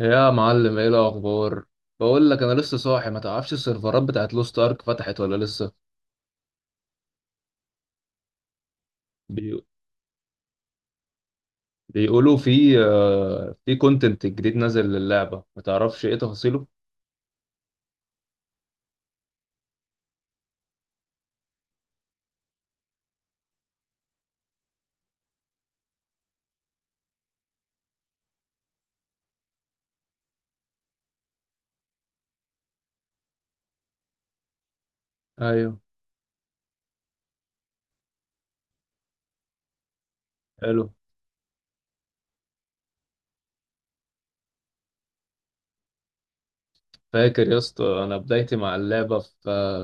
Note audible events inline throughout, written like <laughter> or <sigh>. يا معلم، ايه الاخبار؟ بقول لك انا لسه صاحي، ما تعرفش السيرفرات بتاعت لوست ارك فتحت ولا لسه؟ بي... بيقولوا في كونتنت جديد نازل للعبه، ما تعرفش ايه تفاصيله؟ ايوه، حلو. فاكر يا اسطى انا بدايتي مع اللعبه في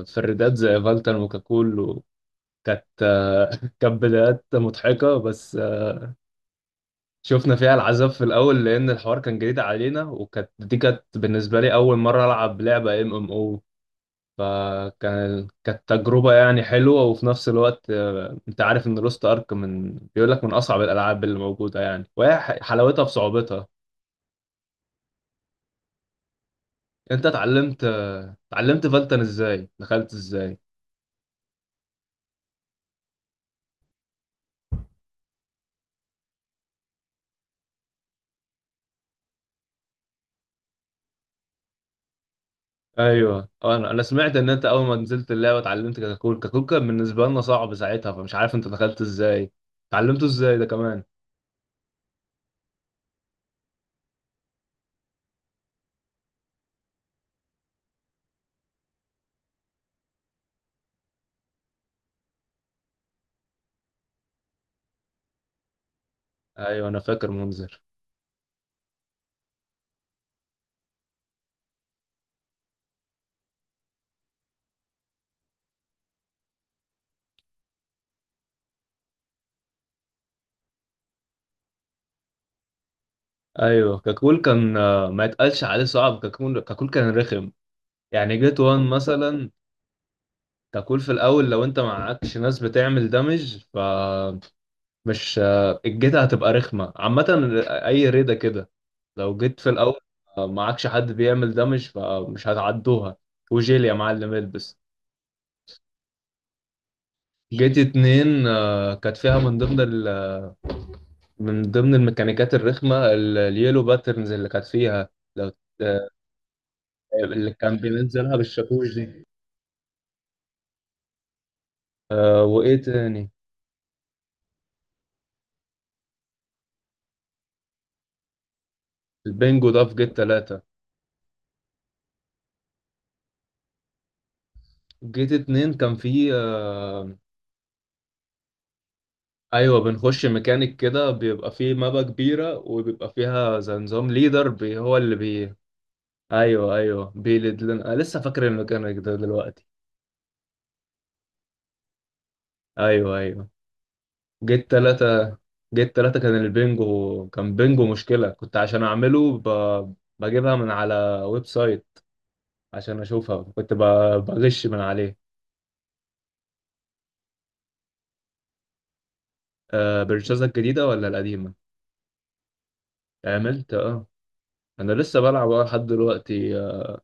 الريدات زي فالتر وكاكول، كانت <laughs> كانت بدايات مضحكه، بس آه، شفنا فيها العذاب في الاول لان الحوار كان جديد علينا، وكانت دي بالنسبه لي اول مره العب لعبه ام ام او. كانت تجربة يعني حلوة، وفي نفس الوقت انت عارف ان لوست ارك من بيقول لك من اصعب الالعاب اللي موجودة يعني، وهي حلاوتها في صعوبتها. انت اتعلمت اتعلمت فالتن ازاي، دخلت ازاي؟ ايوه، انا سمعت ان انت اول ما نزلت اللعبة اتعلمت كاكول. كاكول كان بالنسبة لنا صعب ساعتها، فمش عارف انت دخلت ازاي، اتعلمته ازاي ده كمان. ايوه، انا فاكر منظر. ايوه، كاكول كان ما يتقالش عليه صعب. كاكول كاكول كان رخم يعني. جيت وان مثلا، ككول في الاول لو انت معكش ناس بتعمل دمج، فمش الجيت هتبقى رخمه عامه. اي ريده كده، لو جيت في الاول معكش حد بيعمل دمج، فمش هتعدوها. وجيل يا معلم البس. جيت اتنين كانت فيها من ضمن من ضمن الميكانيكات الرخمه، اليلو باترنز اللي كانت فيها. لو آه، اللي كان بينزلها بالشاكوش دي، وايه تاني؟ البنجو ده في جيت تلاتة. جيت اتنين كان فيه ايوه، بنخش ميكانيك كده، بيبقى فيه مابا كبيره، وبيبقى فيها زي نظام ليدر بي، هو اللي بي. ايوه، ايوه، بيلد لنا. أنا لسه فاكر الميكانيك ده دلوقتي. ايوه، ايوه. جيت تلاتة، جيت تلاتة كان البنجو. كان بنجو مشكله، كنت عشان اعمله بجيبها من على ويب سايت عشان اشوفها، كنت بغش من عليه. أه، برشازة الجديده ولا القديمه؟ عملت، اه. انا لسه بلعب لحد دلوقتي.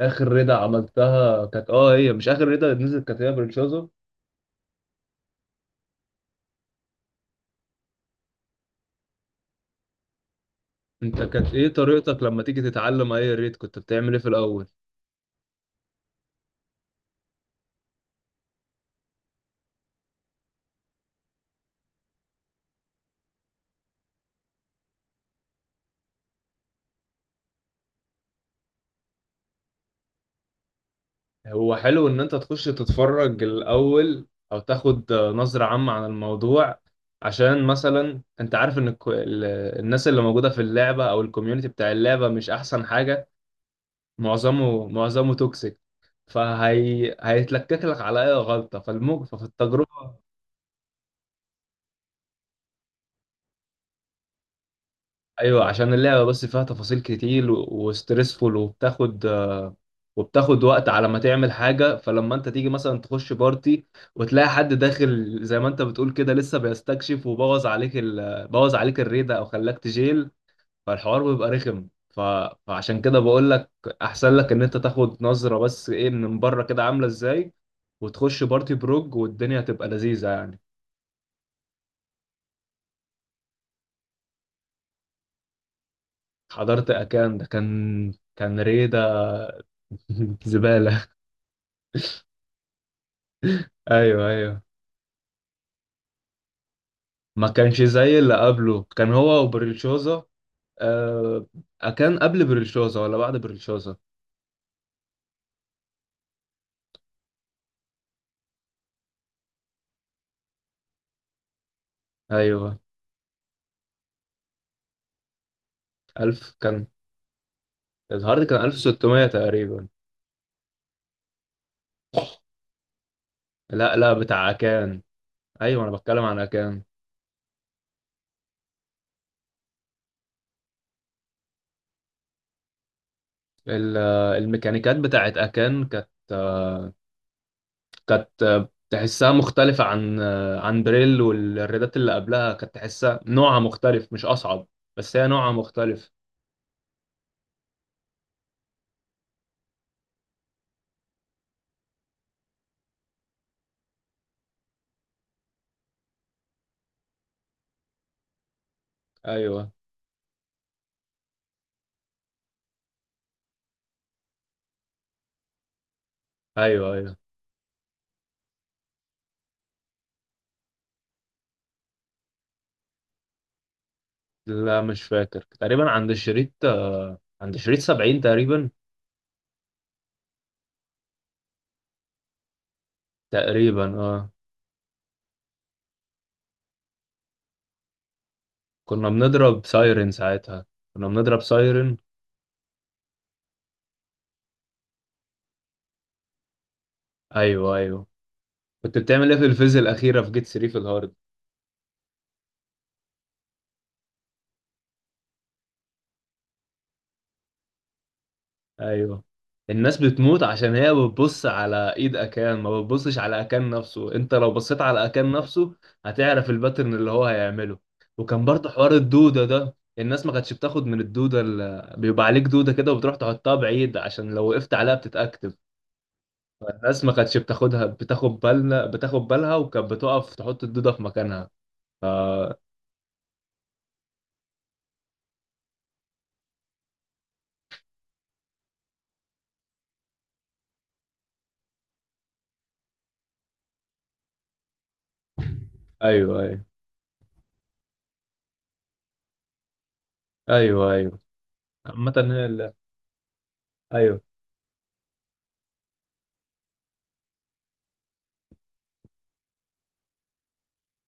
اخر رضا عملتها كانت، اه، هي مش اخر رضا نزلت، كانت هي برشازو. انت كانت ايه طريقتك لما تيجي تتعلم اي ريت، كنت بتعمل ايه في الاول؟ هو حلو ان انت تخش تتفرج الاول او تاخد نظرة عامة عن الموضوع، عشان مثلا انت عارف ان الناس اللي موجودة في اللعبة او الكوميونتي بتاع اللعبة مش احسن حاجة. معظمه توكسيك، فهي هيتلكك لك على اي غلطة ففي التجربة. ايوه، عشان اللعبه بس فيها تفاصيل كتير وستريسفول، وبتاخد وقت على ما تعمل حاجه. فلما انت تيجي مثلا تخش بارتي وتلاقي حد داخل زي ما انت بتقول كده لسه بيستكشف، بوظ عليك الريده او خلاك تجيل، فالحوار بيبقى رخم. فعشان كده بقول لك، احسن لك ان انت تاخد نظره بس ايه من بره كده عامله ازاي، وتخش بارتي بروج والدنيا تبقى لذيذه يعني. حضرت اكان، ده كان ريده <laughs> زباله. ايوه، ايوه، ما كانش زي اللي قبله، كان هو وبريلشوزا. آه كان قبل بريلشوزا ولا بعد بريلشوزا؟ ايوه، ألف كان. الهارد كان 1600 تقريبا. لا، لا، بتاع أكان. ايوه، انا بتكلم عن أكان. الميكانيكات بتاعت أكان كانت، تحسها مختلفة عن عن بريل، والريدات اللي قبلها كانت تحسها نوعها مختلف، مش أصعب، بس هي نوعها مختلف. ايوه، ايوه، ايوه. لا، مش فاكر. تقريبا عند الشريط عند شريط 70 تقريبا. اه. كنا بنضرب سايرن ساعتها، كنا بنضرب سايرن. ايوه، ايوه. كنت بتعمل ايه في الفيز الاخيره في جيت 3 في الهارد؟ ايوه، الناس بتموت عشان هي بتبص على ايد اكان، ما بتبصش على اكان نفسه. انت لو بصيت على اكان نفسه هتعرف الباترن اللي هو هيعمله. وكان برضه حوار الدوده ده، الناس ما كانتش بتاخد من الدوده، اللي بيبقى عليك دوده كده وبتروح تحطها بعيد عشان لو وقفت عليها بتتاكتف. الناس ما كانتش بتاخدها، بتاخد بالها، وكانت بتقف تحط الدودة في مكانها ف... ايوه، ايوه، ايوه، ايوه. عامة هي ايوه،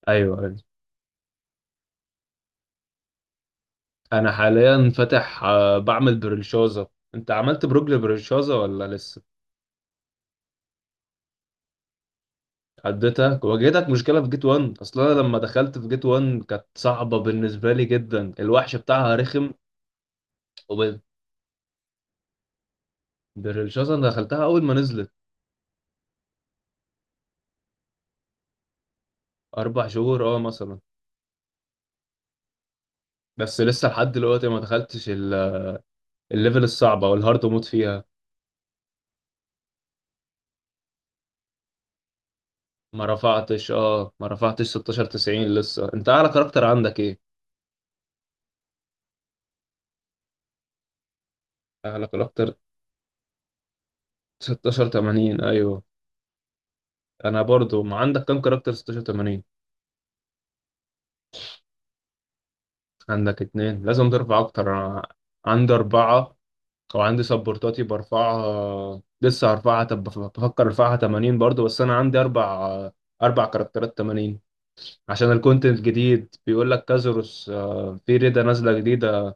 ايوه، ايوه. انا حاليا فاتح، بعمل بريلشوزة. انت عملت بروج لبريلشوزة ولا لسه؟ عدتها؟ واجهتك مشكلة في جيت 1 اصلا؟ انا لما دخلت في جيت 1 كانت صعبة بالنسبة لي جدا، الوحش بتاعها رخم. وبريلشوزة انا دخلتها اول ما نزلت. اربع شهور، اه، مثلا. بس لسه لحد دلوقتي ما دخلتش الليفل الصعبة والهارد موت فيها. ما رفعتش 16 90 لسه. انت اعلى كاركتر عندك ايه؟ اعلى كاركتر 16 80؟ ايوه. انا برضو، ما عندك كام كاركتر 16 80؟ عندك اتنين، لازم ترفع اكتر. أنا عندي اربعة، او عندي سبورتاتي برفعها لسه هرفعها. طب بفكر ارفعها 80 برضو. بس انا عندي اربع كاركترات 80. عشان الكونتنت جديد، بيقول لك كازاروس في ريدة نازلة جديدة،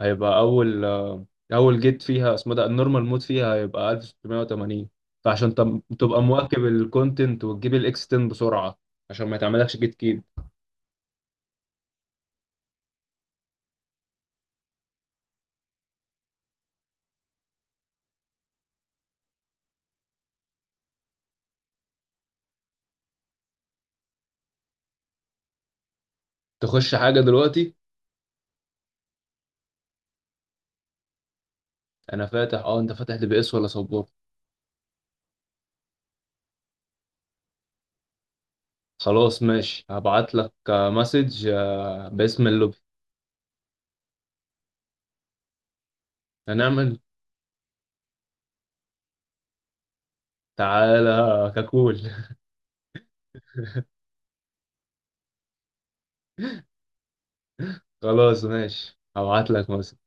هيبقى اول جيت فيها اسمه، ده النورمال مود فيها هيبقى 1680. فعشان تبقى مواكب الكونتنت وتجيب الاكس 10 بسرعه، عشان ما يتعملكش جيت كيب. تخش حاجه دلوقتي؟ انا فاتح، اه. انت فاتح دي بي اس ولا سبورت؟ خلاص، ماشي، هبعت لك مسج باسم اللوبي. هنعمل، تعالى ككول. <laughs> خلاص، ماشي، هبعت لك مسج.